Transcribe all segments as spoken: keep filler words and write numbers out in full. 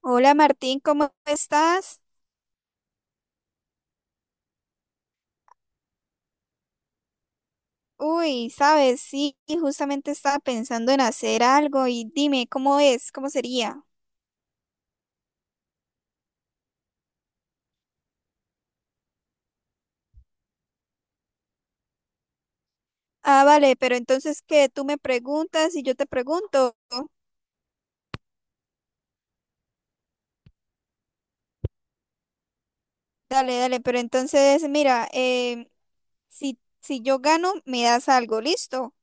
Hola Martín, ¿cómo estás? Uy, sabes, sí, justamente estaba pensando en hacer algo y dime, ¿cómo es? ¿Cómo sería? Ah, vale, pero entonces que tú me preguntas y yo te pregunto. Dale, dale, pero entonces mira, eh, si, si yo gano, me das algo, ¿listo?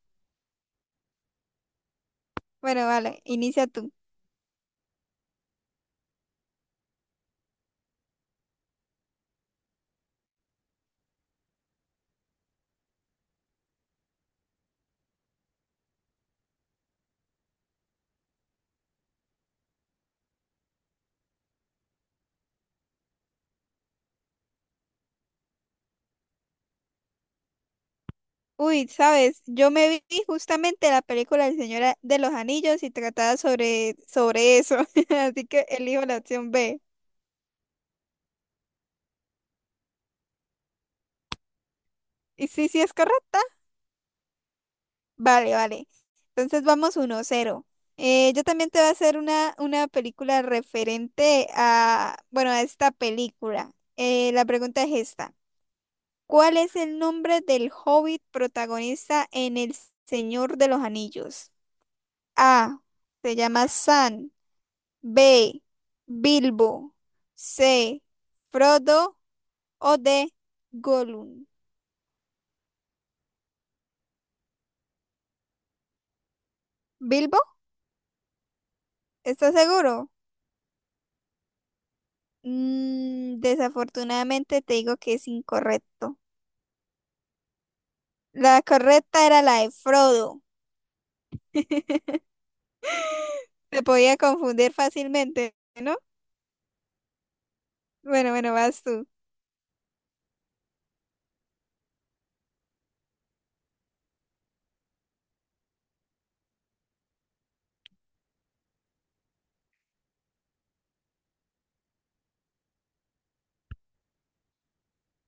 Bueno, vale, inicia tú. Uy, sabes, yo me vi justamente la película El Señor de los Anillos y trataba sobre, sobre eso, así que elijo la opción B. ¿Y sí, sí es correcta? Vale, vale. Entonces vamos uno cero. Eh, yo también te voy a hacer una, una película referente a, bueno, a esta película. Eh, la pregunta es esta. ¿Cuál es el nombre del hobbit protagonista en El Señor de los Anillos? A. Se llama Sam. B. Bilbo. C. Frodo. O D. Gollum. ¿Bilbo? ¿Estás seguro? Mm, desafortunadamente te digo que es incorrecto. La correcta era la de Frodo. Se podía confundir fácilmente, ¿no? Bueno, bueno, vas tú.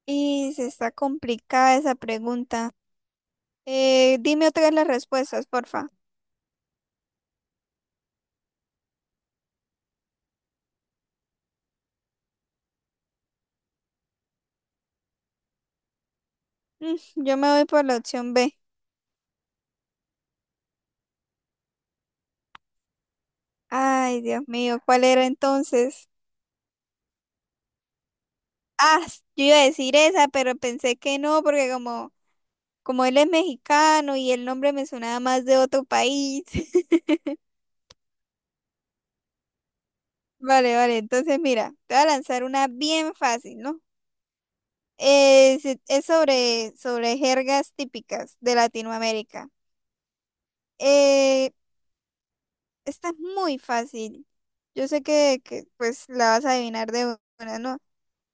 Y se está complicada esa pregunta. Eh, dime otra vez las respuestas, porfa. Mm, yo me voy por la opción B. Ay, Dios mío, ¿cuál era entonces? Ah, yo iba a decir esa, pero pensé que no, porque como, como él es mexicano y el nombre me sonaba más de otro país. Vale, vale, entonces mira, te voy a lanzar una bien fácil, ¿no? Es, es sobre, sobre jergas típicas de Latinoamérica. Eh, Esta es muy fácil. Yo sé que, que, pues la vas a adivinar de una, ¿no?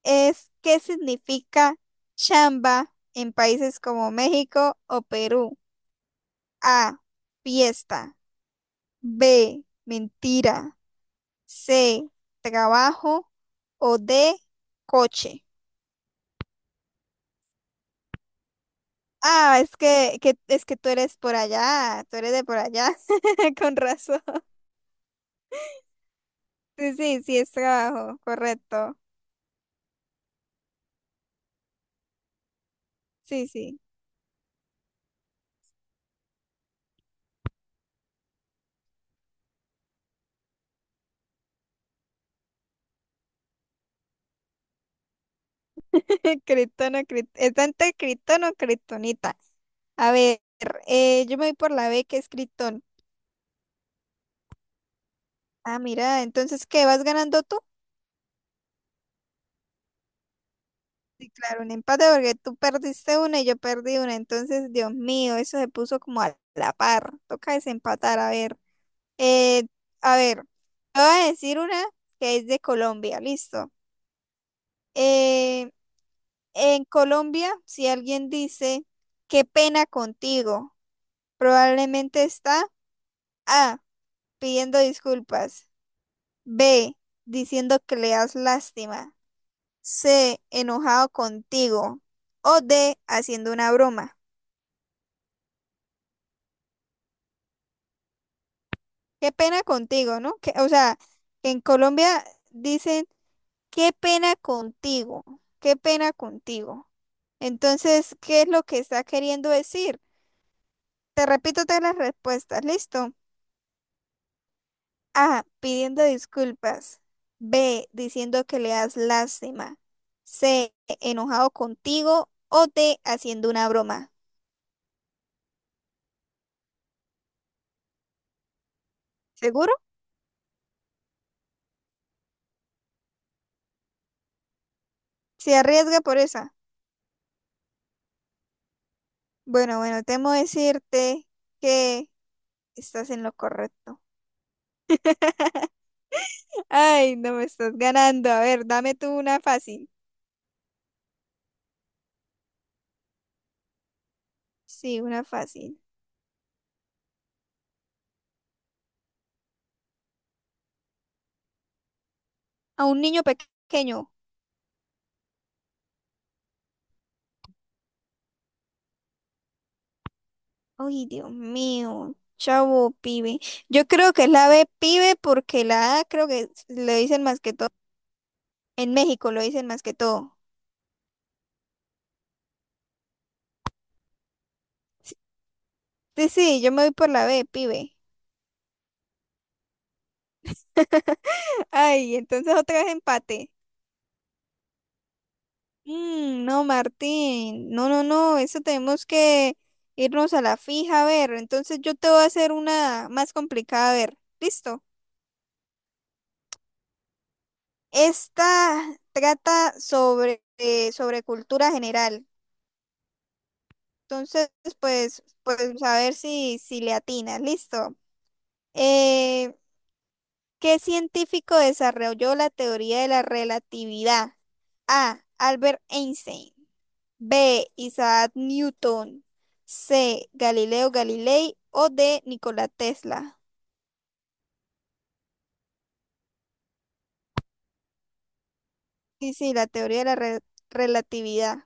Es, ¿qué significa chamba en países como México o Perú? A, fiesta. B, mentira. C, trabajo. O D, coche. Ah, es que, que es que tú eres por allá, tú eres de por allá, con razón. Sí, sí, sí, es trabajo, correcto. Sí, sí. Criptono, crit- es tanto criptono, criptonita. A ver, eh, yo me voy por la B que es criptón. Ah, mira, entonces, ¿qué vas ganando tú? Sí, claro, un empate porque tú perdiste una y yo perdí una. Entonces, Dios mío, eso se puso como a la par. Toca desempatar, a ver. Eh, a ver, te voy a decir una que es de Colombia, listo. Eh, en Colombia, si alguien dice, qué pena contigo. Probablemente está A, pidiendo disculpas; B, diciendo que le das lástima; C, enojado contigo; o D, haciendo una broma. Qué pena contigo, ¿no? Que- o sea, en Colombia dicen, qué pena contigo, qué pena contigo. Entonces, ¿qué es lo que está queriendo decir? Te repito todas las respuestas, ¿listo? A. Pidiendo disculpas. B. Diciendo que le das lástima. C. Enojado contigo. O D. Haciendo una broma. ¿Seguro? ¿Se arriesga por esa? Bueno, bueno, temo decirte que estás en lo correcto. Ay, no, me estás ganando. A ver, dame tú una fácil. Sí, una fácil. A un niño pequeño. Ay, Dios mío. Chavo, pibe. Yo creo que es la B, pibe, porque la A creo que le dicen más que todo. En México lo dicen más que todo. Sí, sí, sí, yo me voy por la B, pibe. Ay, entonces otra vez empate. Mm, no, Martín. No, no, no. Eso tenemos que irnos a la fija. A ver, entonces yo te voy a hacer una más complicada. A ver, listo. Esta trata sobre, eh, sobre cultura general. Entonces, pues, pues a ver si, si le atinas. Listo. Eh, ¿Qué científico desarrolló la teoría de la relatividad? A. Albert Einstein. B. Isaac Newton. C. Galileo Galilei. O D. Nikola Tesla. Sí, sí, la teoría de la re- relatividad.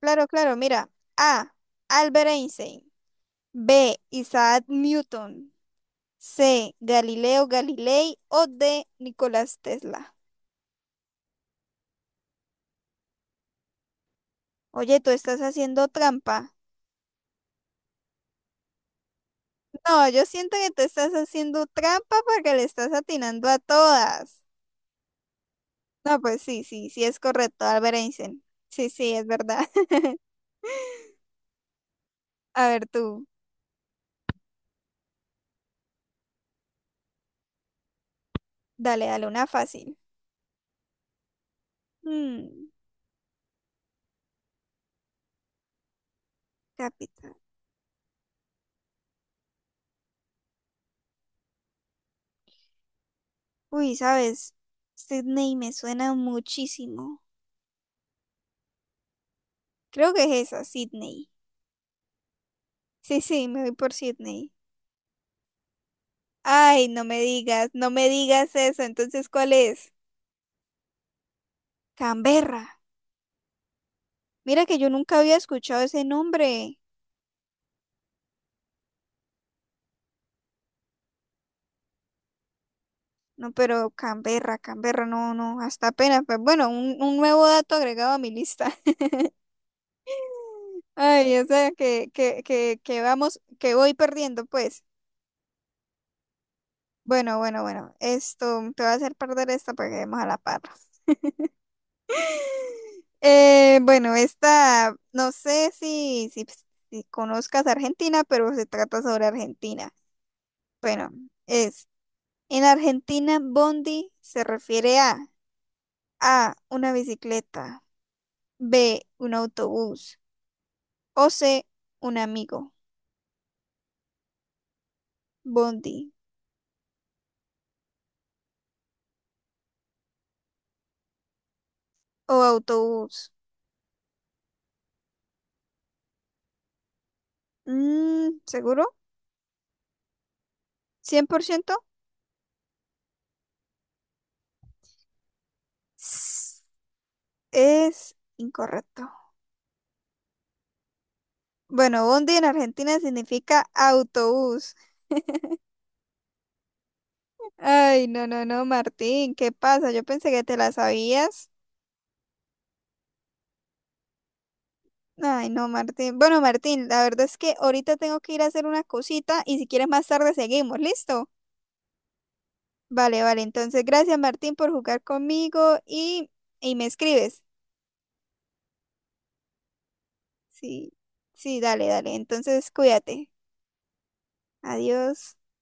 Claro, claro, mira. A. Albert Einstein. B. Isaac Newton. C. Galileo Galilei. O D. Nicolás Tesla. Oye, tú estás haciendo trampa. No, yo siento que te estás haciendo trampa porque le estás atinando a todas. No, pues sí, sí, sí es correcto, Albert Einstein. Sí, sí, es verdad. A ver tú, dale, dale una fácil. Mm, capital. Uy, ¿sabes? Sydney me suena muchísimo. Creo que es esa, Sydney. Sí, sí, me voy por Sydney. Ay, no me digas, no me digas eso. Entonces, ¿cuál es? Canberra. Mira que yo nunca había escuchado ese nombre. No, pero Canberra, Canberra, no, no, hasta apenas. Pues bueno, un, un nuevo dato agregado a mi lista. Ay, o sea, que, que, que, que vamos, que voy perdiendo, pues. Bueno, bueno, bueno. Esto, te voy a hacer perder esta para que demos a la par. Eh, bueno, esta, no sé si, si, si conozcas Argentina, pero se trata sobre Argentina. Bueno, es, en Argentina, bondi se refiere a A, una bicicleta; B, un autobús; o C, un amigo. Bondi o autobús. Mm, ¿seguro? cien por ciento es incorrecto. Bueno, bondi en Argentina significa autobús. Ay, no, no, no, Martín, ¿qué pasa? Yo pensé que te la sabías. Ay, no, Martín. Bueno, Martín, la verdad es que ahorita tengo que ir a hacer una cosita y si quieres más tarde seguimos, ¿listo? Vale, vale, entonces gracias, Martín, por jugar conmigo y, y me escribes. Sí, sí, dale, dale. Entonces, cuídate. Adiós.